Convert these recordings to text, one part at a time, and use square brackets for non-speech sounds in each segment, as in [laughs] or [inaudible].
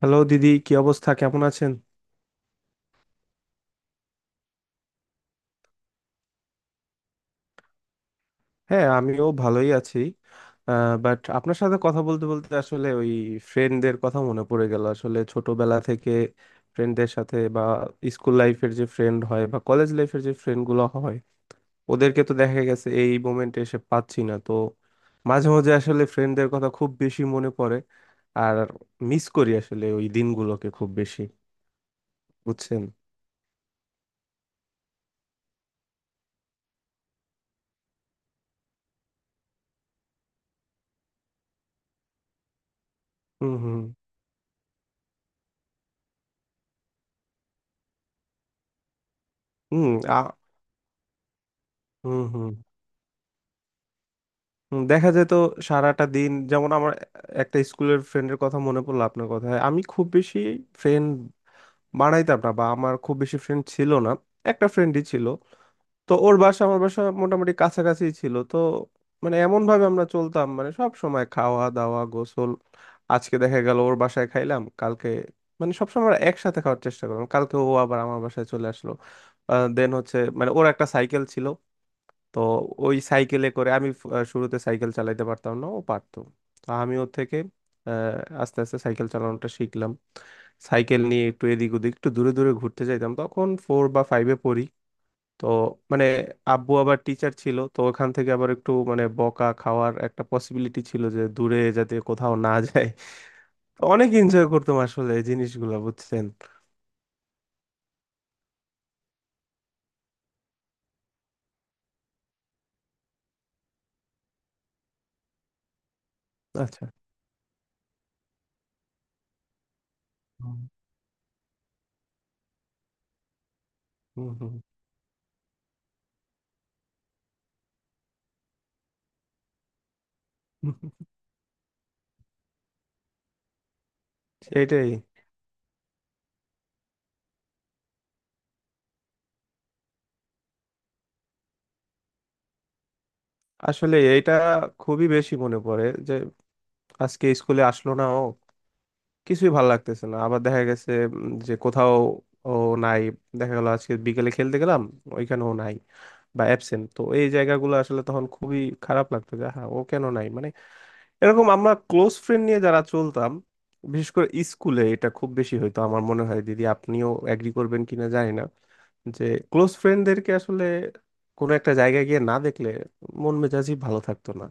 Hello দিদি, কি অবস্থা, কেমন আছেন? হ্যাঁ, আমিও ভালোই আছি। বাট আপনার সাথে কথা বলতে বলতে আসলে ওই ফ্রেন্ডদের কথা মনে পড়ে গেল। আসলে ছোটবেলা থেকে ফ্রেন্ডদের সাথে বা স্কুল লাইফের যে ফ্রেন্ড হয় বা কলেজ লাইফের যে ফ্রেন্ডগুলো হয় ওদেরকে তো দেখা গেছে, এই মোমেন্টে এসে পাচ্ছি না তো। মাঝে মাঝে আসলে ফ্রেন্ডদের কথা খুব বেশি মনে পড়ে আর মিস করি আসলে ওই দিনগুলোকে খুব বেশি। বুঝছেন? হুম হুম। হুম। আ হুম হুম। হুম, দেখা যায় তো। সারাটা দিন যেমন আমার একটা স্কুলের ফ্রেন্ডের কথা মনে পড়লো। আপনার কথায় আমি খুব বেশি ফ্রেন্ড বানাইতাম না বা আমার খুব বেশি ফ্রেন্ড ছিল না, একটা ফ্রেন্ডই ছিল। তো ওর বাসা আমার বাসা মোটামুটি কাছাকাছি ছিল। তো মানে এমন ভাবে আমরা চলতাম মানে সব সময় খাওয়া দাওয়া গোসল, আজকে দেখা গেল ওর বাসায় খাইলাম, কালকে মানে সবসময় আমরা একসাথে খাওয়ার চেষ্টা করলাম, কালকে ও আবার আমার বাসায় চলে আসলো। দেন হচ্ছে মানে ওর একটা সাইকেল ছিল। তো ওই সাইকেলে করে আমি ফ- আহ শুরুতে সাইকেল চালাইতে পারতাম না, ও পারতো। তো আমি ওর থেকে আহ, আস্তে আস্তে সাইকেল চালানোটা শিখলাম। সাইকেল নিয়ে একটু এদিক ওদিক একটু দূরে দূরে ঘুরতে যাইতাম। তখন ফোর বা ফাইভে পড়ি। তো মানে আব্বু আবার টিচার ছিল, তো ওখান থেকে আবার একটু মানে বকা খাওয়ার একটা পসিবিলিটি ছিল যে দূরে যাতে কোথাও না যায়। তো অনেক এনজয় করতাম আসলে এই জিনিসগুলো। বুঝছেন? আচ্ছা। হুম হুম। হুম। [laughs] সেটাই। আসলে এটা খুবই বেশি মনে পড়ে যে আজকে স্কুলে আসলো না ও, কিছুই ভালো লাগতেছে না। আবার দেখা গেছে যে কোথাও ও নাই, দেখা গেল আজকে বিকেলে খেলতে গেলাম, ওইখানেও নাই বা অ্যাবসেন্ট। তো এই জায়গাগুলো আসলে তখন খুবই খারাপ লাগতো যে হ্যাঁ ও কেন নাই মানে, এরকম আমরা ক্লোজ ফ্রেন্ড নিয়ে যারা চলতাম, বিশেষ করে স্কুলে এটা খুব বেশি হইতো। আমার মনে হয় দিদি আপনিও এগ্রি করবেন কিনা জানি না যে ক্লোজ ফ্রেন্ডদেরকে আসলে কোনো একটা জায়গায় গিয়ে না দেখলে মন মেজাজই ভালো থাকতো না।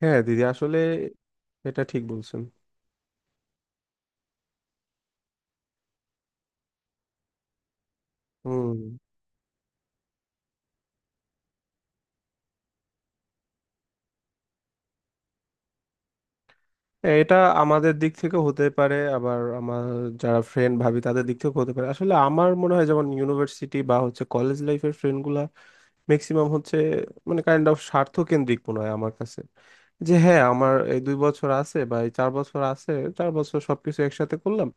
হ্যাঁ দিদি, আসলে এটা ঠিক বলছেন। হুম। এটা আমাদের দিক থেকে হতে পারে আবার আমার যারা ফ্রেন্ড ভাবি তাদের দিক থেকে হতে পারে। আসলে আমার মনে হয় যেমন ইউনিভার্সিটি বা হচ্ছে কলেজ লাইফের ফ্রেন্ডগুলা ম্যাক্সিমাম হচ্ছে মানে কাইন্ড অফ স্বার্থকেন্দ্রিক মনে হয় আমার কাছে। যে হ্যাঁ আমার এই 2 বছর আছে বা এই 4 বছর আছে, 4 বছর সবকিছু একসাথে করলাম।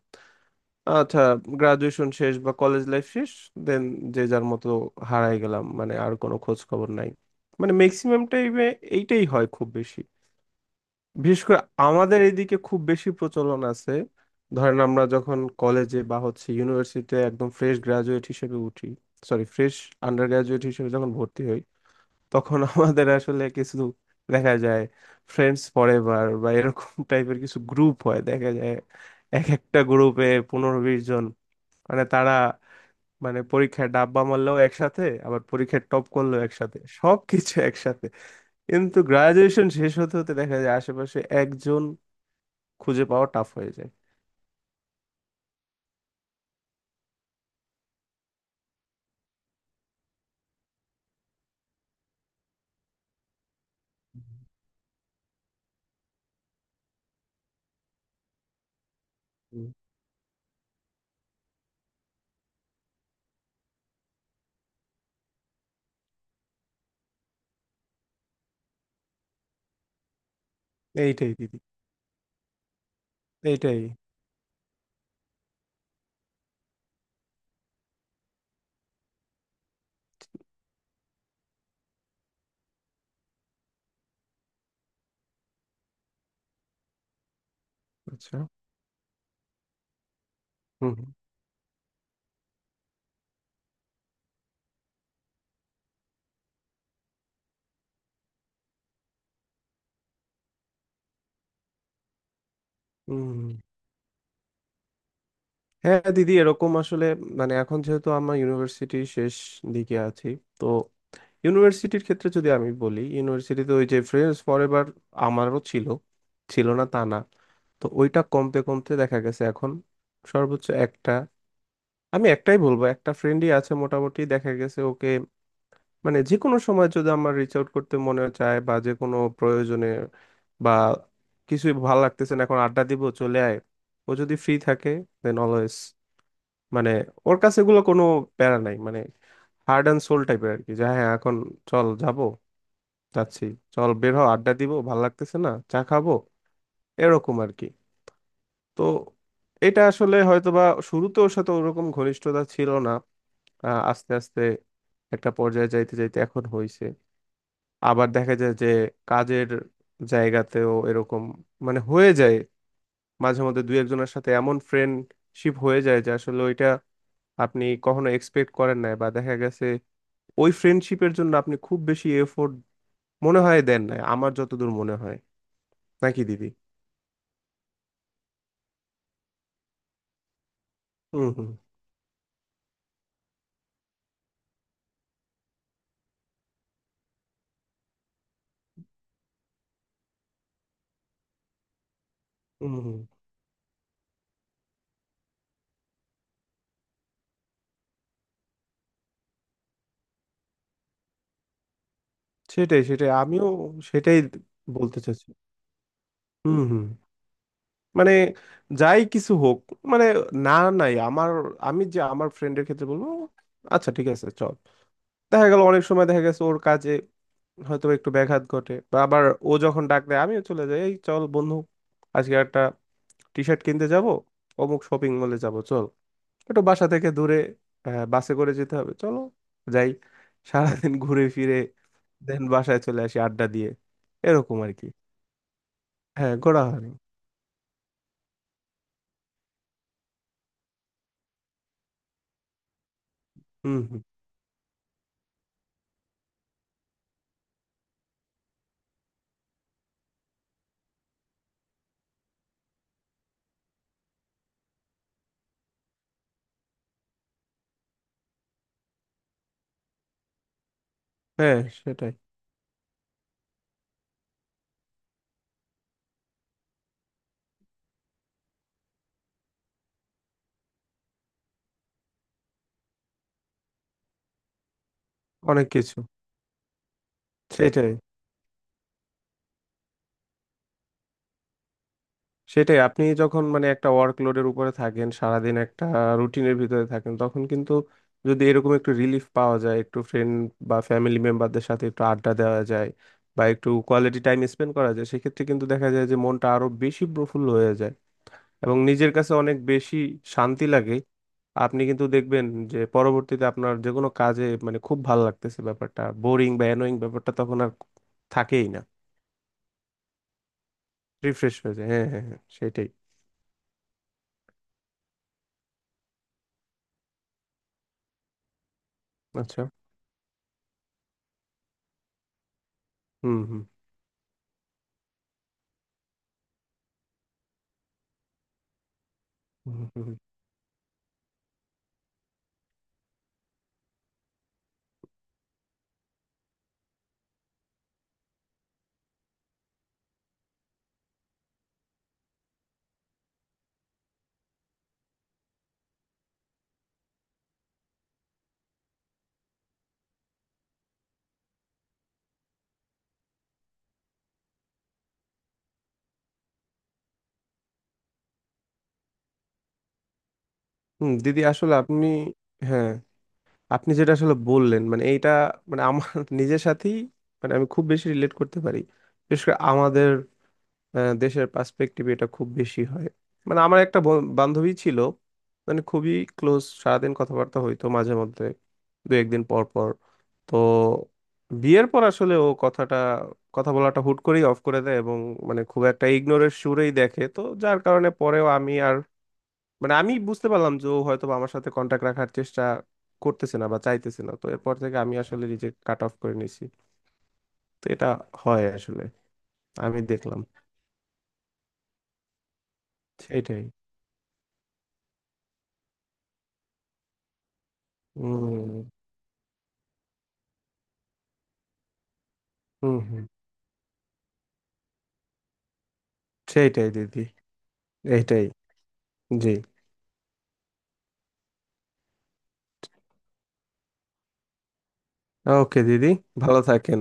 আচ্ছা, গ্রাজুয়েশন শেষ বা কলেজ লাইফ শেষ, দেন যে যার মতো হারাই গেলাম, মানে আর কোনো খোঁজ খবর নাই। মানে ম্যাক্সিমামটাই এইটাই হয় খুব বেশি, বিশেষ করে আমাদের এইদিকে খুব বেশি প্রচলন আছে। ধরেন আমরা যখন কলেজে বা হচ্ছে ইউনিভার্সিটিতে একদম ফ্রেশ গ্রাজুয়েট হিসেবে উঠি, সরি ফ্রেশ আন্ডার গ্রাজুয়েট হিসেবে যখন ভর্তি হই, তখন [laughs] আমাদের আসলে কিছু দেখা যায় ফ্রেন্ডস ফরএভার বা এরকম [laughs] টাইপের কিছু গ্রুপ হয় দেখা যায়। এক একটা গ্রুপে 15-20 জন। মানে তারা মানে পরীক্ষায় ডাব্বা মারলেও একসাথে আবার পরীক্ষায় টপ করলেও একসাথে, সব কিছু একসাথে। কিন্তু গ্রাজুয়েশন শেষ হতে হতে দেখা যায় আশেপাশে একজন খুঁজে পাওয়া টাফ হয়ে যায়। হুম, এইটাই দিদি। এইটাই। আচ্ছা। হুম হুম। হুম, হুম। হ্যাঁ দিদি, এরকম আসলে মানে এখন যেহেতু আমরা ইউনিভার্সিটি শেষ দিকে আছি, তো ইউনিভার্সিটির ক্ষেত্রে যদি আমি বলি ইউনিভার্সিটিতে ওই যে ফ্রেন্ডস ফরএভার আমারও ছিল, ছিল না তা না। তো ওইটা কমতে কমতে দেখা গেছে এখন সর্বোচ্চ একটা, আমি একটাই বলবো, একটা ফ্রেন্ডই আছে মোটামুটি, দেখা গেছে ওকে মানে যে কোনো সময় যদি আমার রিচ আউট করতে মনে চায় বা যে কোনো প্রয়োজনে বা কিছুই ভালো লাগতেছে না এখন আড্ডা দিব চলে আয়, ও যদি ফ্রি থাকে দেন অলওয়েজ, মানে ওর কাছে এগুলো কোনো প্যারা নাই। মানে হার্ড অ্যান্ড সোল টাইপের আর কি, যে হ্যাঁ এখন চল যাব, যাচ্ছি, চল বের হও আড্ডা দিব, ভাল লাগতেছে না চা খাবো, এরকম আর কি। তো এটা আসলে হয়তোবা শুরুতে ওর সাথে ওরকম ঘনিষ্ঠতা ছিল না, আস্তে আস্তে একটা পর্যায়ে যাইতে যাইতে এখন হইছে। আবার দেখা যায় যে কাজের জায়গাতেও এরকম মানে হয়ে যায়, মাঝে মধ্যে দুই একজনের সাথে এমন ফ্রেন্ডশিপ হয়ে যায় যে আসলে ওইটা আপনি কখনো এক্সপেক্ট করেন নাই, বা দেখা গেছে ওই ফ্রেন্ডশিপের জন্য আপনি খুব বেশি এফোর্ট মনে হয় দেন নাই, আমার যতদূর মনে হয়। নাকি দিদি? হুম হুম হুম হুম। সেটাই, সেটাই আমিও সেটাই বলতে চাচ্ছি। হুম হুম। মানে যাই কিছু হোক মানে, না নাই। আমি যে আমার ফ্রেন্ডের ক্ষেত্রে বলবো, আচ্ছা ঠিক আছে চল, দেখা গেল অনেক সময় দেখা গেছে ওর কাজে হয়তো একটু ব্যাঘাত ঘটে বা আবার ও যখন ডাক দেয় আমিও চলে যাই, এই চল বন্ধু, আজকে একটা টি শার্ট কিনতে যাব, অমুক শপিং মলে যাব চল, একটু বাসা থেকে দূরে, বাসে করে যেতে হবে চলো যাই। সারাদিন ঘুরে ফিরে দেন বাসায় চলে আসি আড্ডা দিয়ে, এরকম আর কি। হ্যাঁ ঘোরা হয়। হুম হুম, হ্যাঁ, সেটাই। অনেক কিছু। সেটাই। সেটাই, আপনি যখন মানে একটা ওয়ার্কলোডের উপরে থাকেন সারাদিন একটা রুটিনের ভিতরে থাকেন তখন কিন্তু যদি এরকম একটু রিলিফ পাওয়া যায়, একটু ফ্রেন্ড বা ফ্যামিলি মেম্বারদের সাথে একটু আড্ডা দেওয়া যায় বা একটু কোয়ালিটি টাইম স্পেন্ড করা যায় সেক্ষেত্রে কিন্তু দেখা যায় যে মনটা আরো বেশি প্রফুল্ল হয়ে যায় এবং নিজের কাছে অনেক বেশি শান্তি লাগে। আপনি কিন্তু দেখবেন যে পরবর্তীতে আপনার যে কোনো কাজে মানে খুব ভালো লাগতেছে, ব্যাপারটা বোরিং বা অ্যানোয়িং ব্যাপারটা তখন আর থাকেই না। রিফ্রেশ হয়ে যায়, হ্যাঁ হ্যাঁ হ্যাঁ, সেটাই। আচ্ছা। হুম হুম। হুম হুম। হুম দিদি, আসলে আপনি, হ্যাঁ, আপনি যেটা আসলে বললেন মানে এইটা মানে আমার [laughs] নিজের সাথেই মানে আমি খুব বেশি রিলেট করতে পারি। বিশেষ করে আমাদের দেশের পার্সপেক্টিভ এটা খুব বেশি হয়। মানে আমার একটা বান্ধবী ছিল, মানে খুবই ক্লোজ, সারাদিন কথাবার্তা হইতো, মাঝে মধ্যে দু একদিন পর পর। তো বিয়ের পর আসলে ও কথা বলাটা হুট করেই অফ করে দেয় এবং মানে খুব একটা ইগনোরের সুরেই দেখে। তো যার কারণে পরেও আমি আর, মানে আমি বুঝতে পারলাম যে ও হয়তো বা আমার সাথে কন্টাক্ট রাখার চেষ্টা করতেছে না বা চাইতেছে না, তো এরপর থেকে আমি আসলে নিজে কাট অফ করে নিছি। তো এটা হয় আসলে, আমি দেখলাম। সেটাই। হুম হুম। হুম। সেইটাই দিদি। এইটাই। জি। ওকে দিদি। ভালো থাকেন।